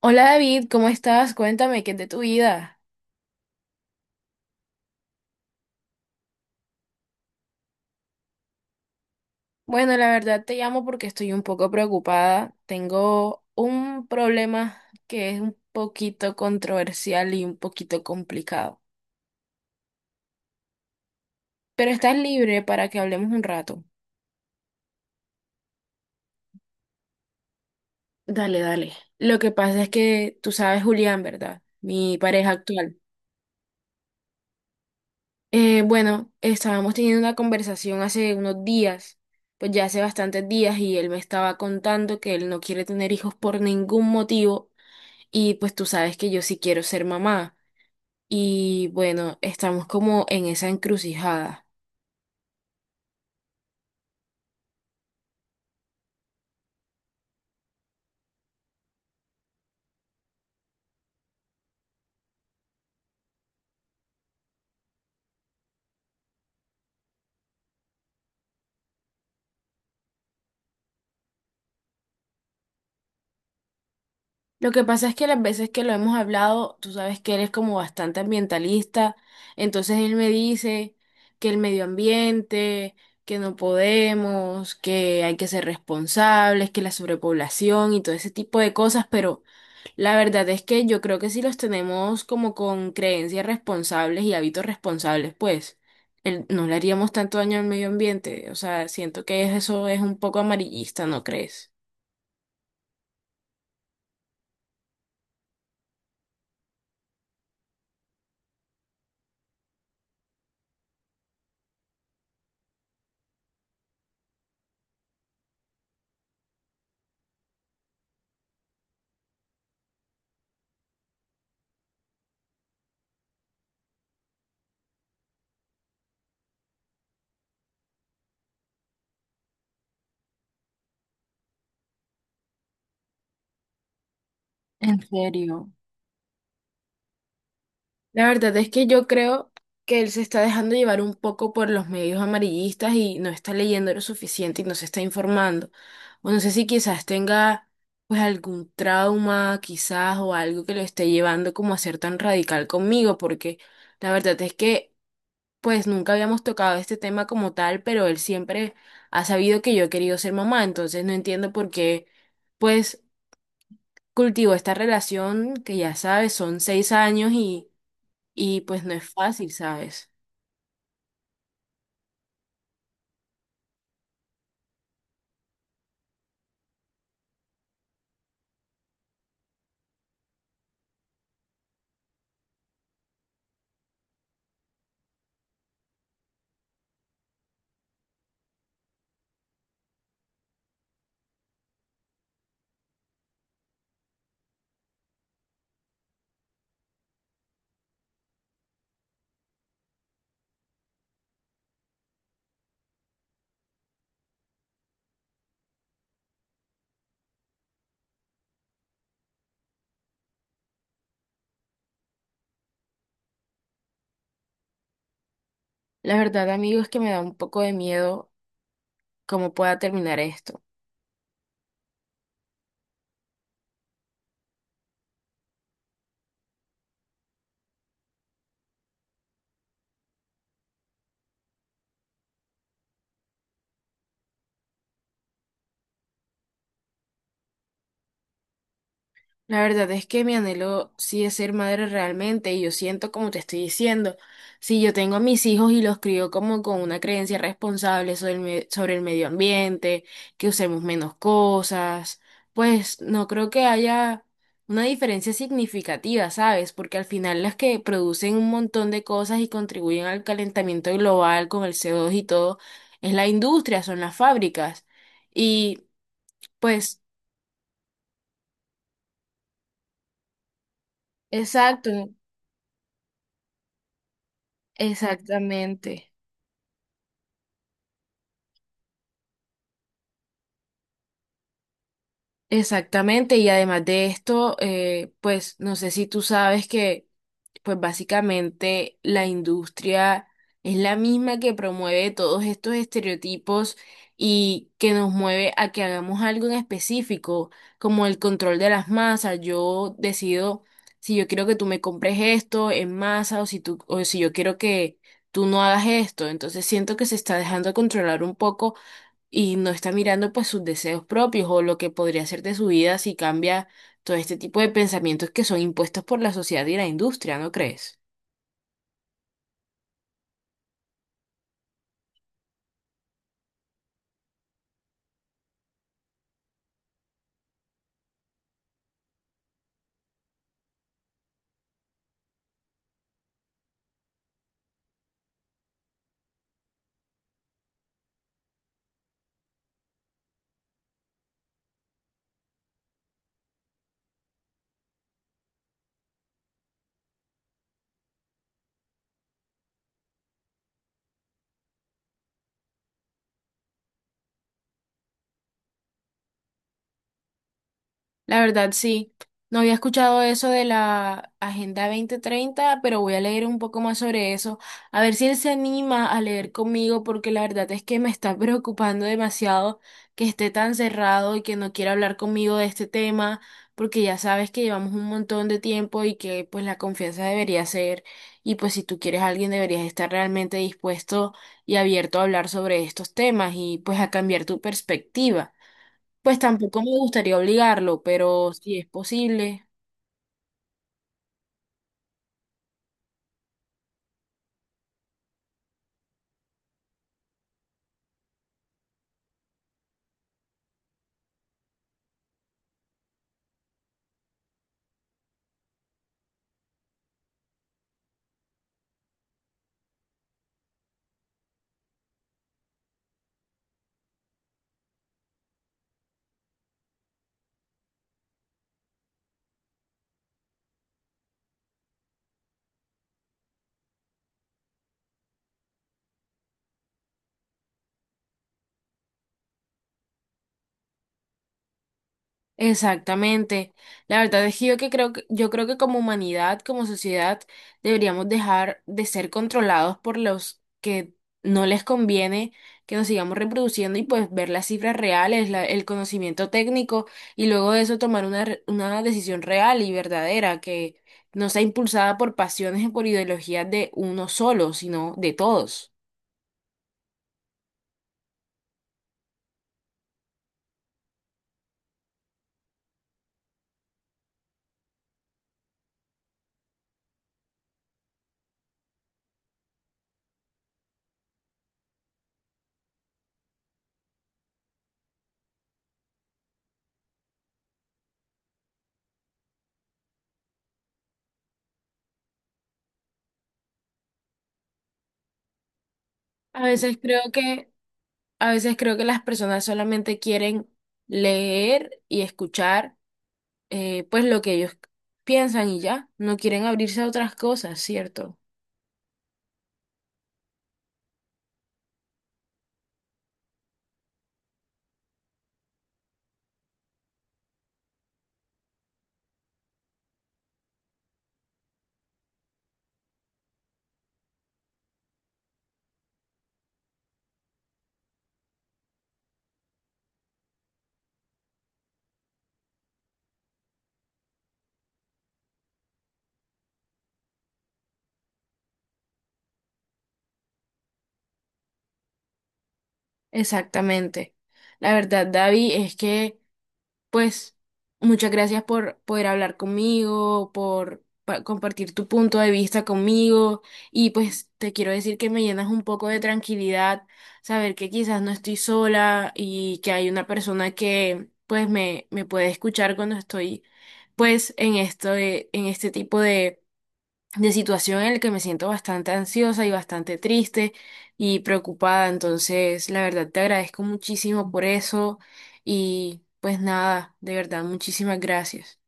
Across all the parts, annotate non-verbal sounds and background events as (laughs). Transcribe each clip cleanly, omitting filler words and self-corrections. Hola David, ¿cómo estás? Cuéntame, ¿qué es de tu vida? Bueno, la verdad te llamo porque estoy un poco preocupada. Tengo un problema que es un poquito controversial y un poquito complicado. Pero estás libre para que hablemos un rato. Dale, dale. Lo que pasa es que tú sabes Julián, ¿verdad? Mi pareja actual. Bueno, estábamos teniendo una conversación hace unos días, pues ya hace bastantes días, y él me estaba contando que él no quiere tener hijos por ningún motivo. Y pues tú sabes que yo sí quiero ser mamá. Y bueno, estamos como en esa encrucijada. Lo que pasa es que las veces que lo hemos hablado, tú sabes que él es como bastante ambientalista. Entonces él me dice que el medio ambiente, que no podemos, que hay que ser responsables, que la sobrepoblación y todo ese tipo de cosas, pero La verdad es que yo creo que si los tenemos como con creencias responsables y hábitos responsables, pues no le haríamos tanto daño al medio ambiente. O sea, siento que eso es un poco amarillista, ¿no crees? En serio. La verdad es que yo creo que él se está dejando llevar un poco por los medios amarillistas y no está leyendo lo suficiente y no se está informando. O no sé si quizás tenga pues algún trauma, quizás, o algo que lo esté llevando como a ser tan radical conmigo, porque la verdad es que pues nunca habíamos tocado este tema como tal, pero él siempre ha sabido que yo he querido ser mamá, entonces no entiendo por qué pues cultivo esta relación que ya sabes, son 6 años y pues no es fácil, ¿sabes? La verdad, amigo, es que me da un poco de miedo cómo pueda terminar esto. La verdad es que mi anhelo sí es ser madre realmente y yo siento como te estoy diciendo, si yo tengo a mis hijos y los crío como con una creencia responsable sobre el medio ambiente, que usemos menos cosas, pues no creo que haya una diferencia significativa, ¿sabes? Porque al final las que producen un montón de cosas y contribuyen al calentamiento global con el co dos y todo, es la industria, son las fábricas. Y pues, exacto, exactamente. Exactamente, y además de esto, pues no sé si tú sabes que, pues básicamente la industria es la misma que promueve todos estos estereotipos y que nos mueve a que hagamos algo en específico, como el control de las masas. Yo decido si yo quiero que tú me compres esto en masa o si tú, o si yo quiero que tú no hagas esto. Entonces siento que se está dejando controlar un poco y no está mirando pues sus deseos propios o lo que podría ser de su vida si cambia todo este tipo de pensamientos que son impuestos por la sociedad y la industria, ¿no crees? La verdad, sí. No había escuchado eso de la Agenda 2030, pero voy a leer un poco más sobre eso. A ver si él se anima a leer conmigo, porque la verdad es que me está (laughs) preocupando demasiado que esté tan cerrado y que no quiera hablar conmigo de este tema, porque ya sabes que llevamos un montón de tiempo y que pues la confianza debería ser, y pues si tú quieres a alguien deberías estar realmente dispuesto y abierto a hablar sobre estos temas y pues a cambiar tu perspectiva. Pues tampoco me gustaría obligarlo, pero si es posible. Exactamente. La verdad es que yo creo que como humanidad, como sociedad, deberíamos dejar de ser controlados por los que no les conviene que nos sigamos reproduciendo y pues ver las cifras reales, el conocimiento técnico y luego de eso tomar una decisión real y verdadera que no sea impulsada por pasiones y por ideologías de uno solo, sino de todos. A veces creo que A veces creo que las personas solamente quieren leer y escuchar pues lo que ellos piensan y ya, no quieren abrirse a otras cosas, ¿cierto? Exactamente. La verdad, David, es que pues muchas gracias por poder hablar conmigo, por compartir tu punto de vista conmigo y pues te quiero decir que me llenas un poco de tranquilidad saber que quizás no estoy sola y que hay una persona que pues me puede escuchar cuando estoy pues en esto, en este tipo de situación en la que me siento bastante ansiosa y bastante triste y preocupada. Entonces, la verdad, te agradezco muchísimo por eso y pues nada, de verdad, muchísimas gracias.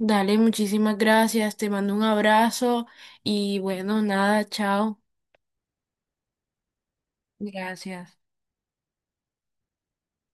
Dale, muchísimas gracias, te mando un abrazo y bueno, nada, chao. Gracias.